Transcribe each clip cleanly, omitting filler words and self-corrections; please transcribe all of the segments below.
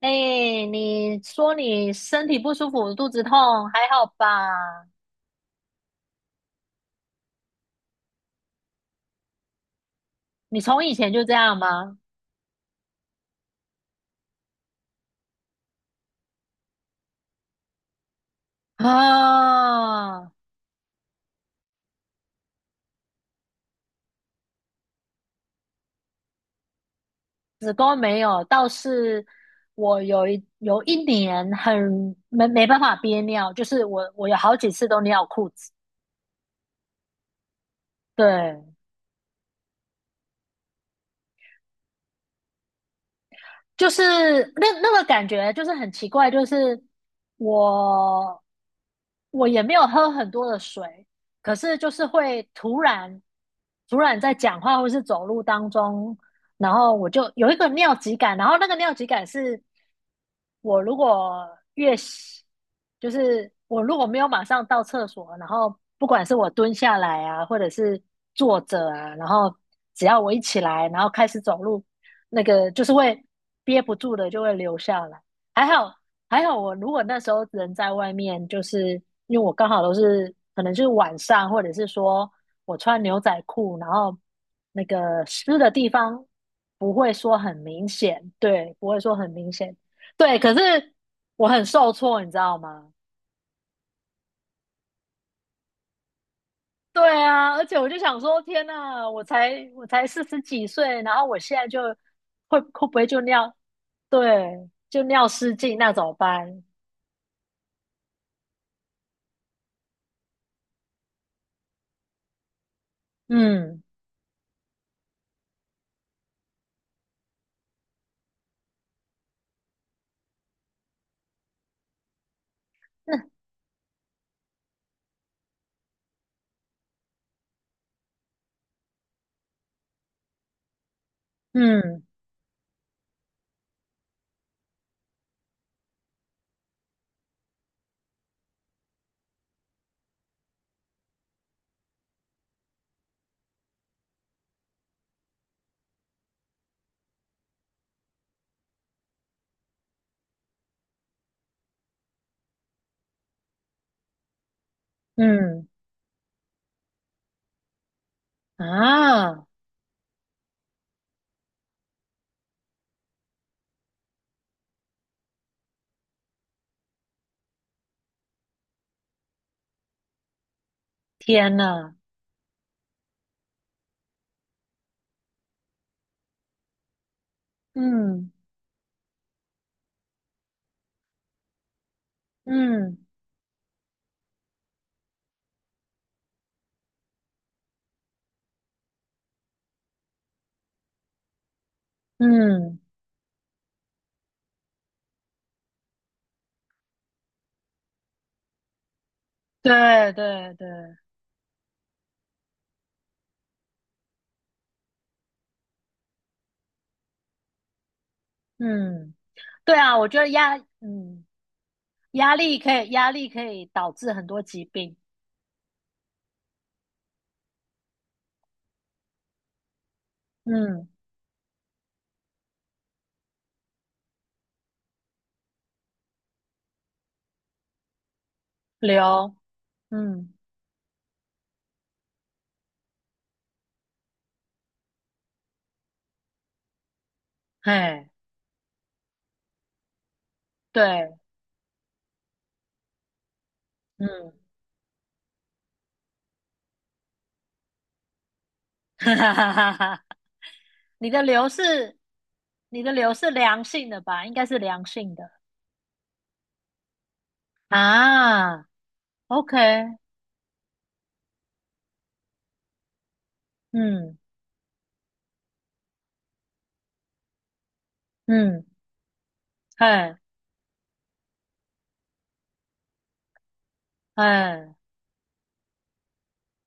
哎，你说你身体不舒服，肚子痛，还好吧？你从以前就这样吗？啊，子宫没有，倒是我有一年很没办法憋尿，就是我有好几次都尿裤子。对，就是那个感觉就是很奇怪，就是我我也没有喝很多的水，可是就是会突然在讲话或是走路当中，然后我就有一个尿急感，然后那个尿急感是我如果越洗，就是我如果没有马上到厕所，然后不管是我蹲下来啊，或者是坐着啊，然后只要我一起来，然后开始走路，那个就是会憋不住的就会流下来。还好还好，我如果那时候人在外面，就是因为我刚好都是可能就是晚上，或者是说我穿牛仔裤，然后那个湿的地方不会说很明显，对，不会说很明显。对，可是我很受挫，你知道吗？对啊，而且我就想说，天呐，我才四十几岁，然后我现在就会不会就尿，对，就尿失禁，那怎么办？嗯，那嗯嗯啊，天呐，嗯嗯嗯，对对对，嗯，对啊，我觉得压力可以导致很多疾病，嗯，流，嗯。嘿，对，嗯，哈哈哈哈哈，你的流是，你的流是良性的吧？应该是良性的啊。OK，嗯嗯，嘿，嘿，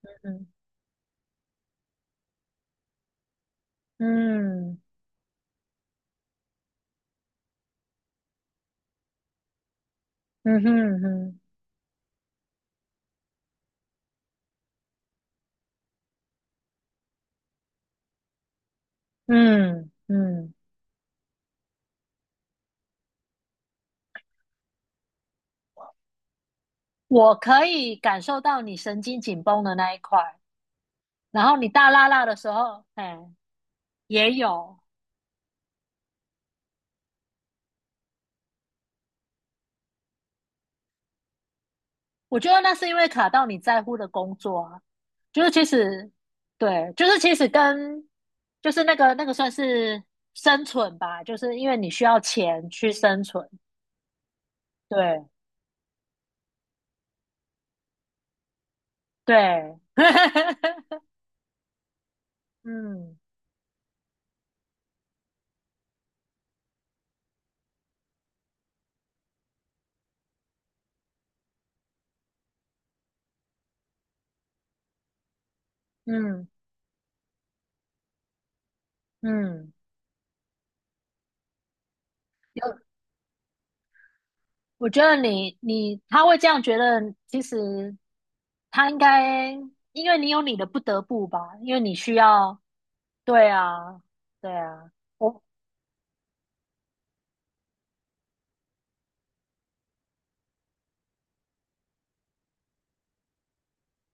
嗯嗯嗯哼哼，嗯嗯，我可以感受到你神经紧绷的那一块，然后你大拉拉的时候，哎，也有，我觉得那是因为卡到你在乎的工作啊，就是其实，对，就是其实跟就是那个算是生存吧，就是因为你需要钱去生存，对对，嗯嗯嗯，有，我觉得你他会这样觉得，其实他应该因为你有你的不得不吧，因为你需要，对啊对啊，我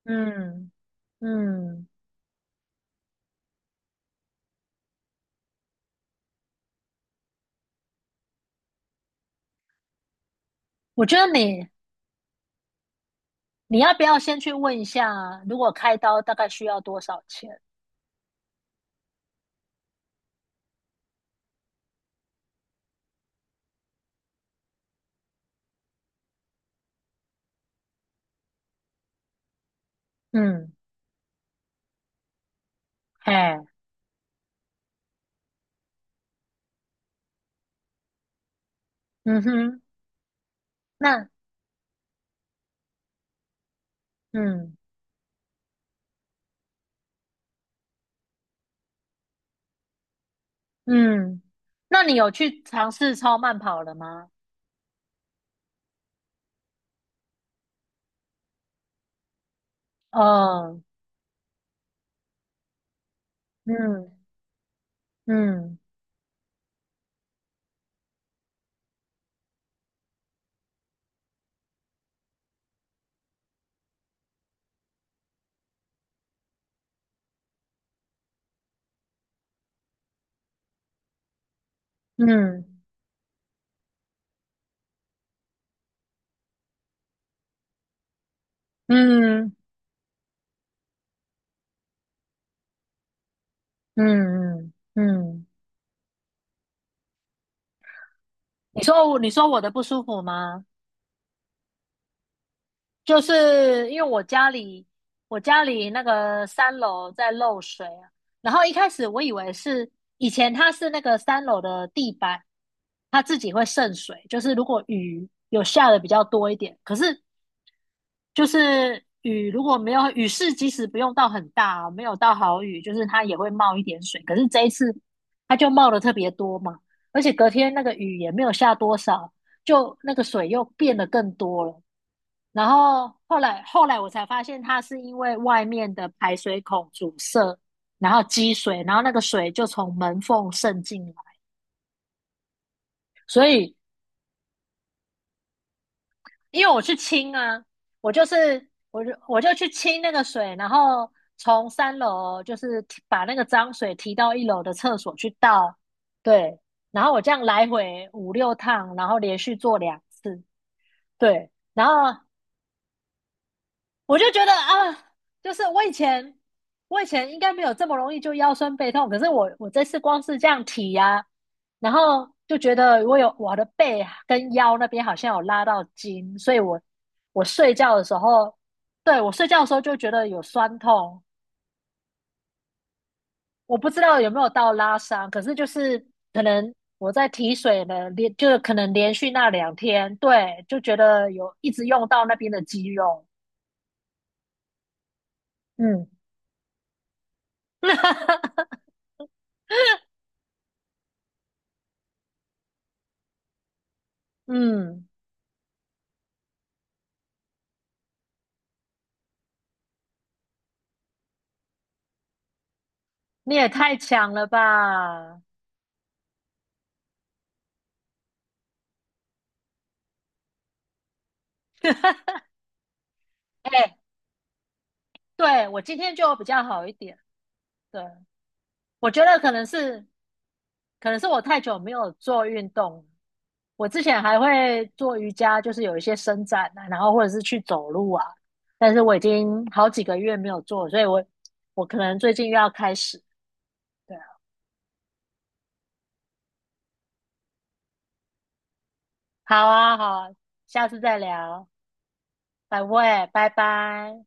嗯。嗯我觉得你要不要先去问一下，如果开刀大概需要多少钱？嗯，嘿，嗯哼，那嗯嗯，那你有去尝试超慢跑了吗？哦，嗯嗯嗯嗯嗯嗯嗯，你说我的不舒服吗？就是因为我家里那个三楼在漏水啊，然后一开始我以为是以前它是那个三楼的地板，它自己会渗水，就是如果雨有下的比较多一点，可是就是雨如果没有雨势，即使不用到很大哦没有到好雨，就是它也会冒一点水，可是这一次它就冒的特别多嘛，而且隔天那个雨也没有下多少，就那个水又变得更多了。然后后来我才发现，它是因为外面的排水孔阻塞，然后积水，然后那个水就从门缝渗进来。所以因为我去清啊，我就是我就我就去清那个水，然后从三楼就是提把那个脏水提到1楼的厕所去倒，对，然后我这样来回五六趟，然后连续做2次，对，然后我就觉得啊，就是我以前应该没有这么容易就腰酸背痛，可是我这次光是这样提呀、啊然后就觉得我的背跟腰那边好像有拉到筋，所以我睡觉的时候，对，我睡觉的时候就觉得有酸痛，我不知道有没有到拉伤，可是就是可能我在提水呢，连就是可能连续那2天，对，就觉得有一直用到那边的肌肉，嗯 嗯。你也太强了吧！哎，对，我今天就比较好一点。对，我觉得可能是，可能是我太久没有做运动了我之前还会做瑜伽，就是有一些伸展啊，然后或者是去走路啊。但是我已经好几个月没有做了所以我可能最近又要开始。对啊，好啊，好啊，下次再聊，拜拜，拜拜。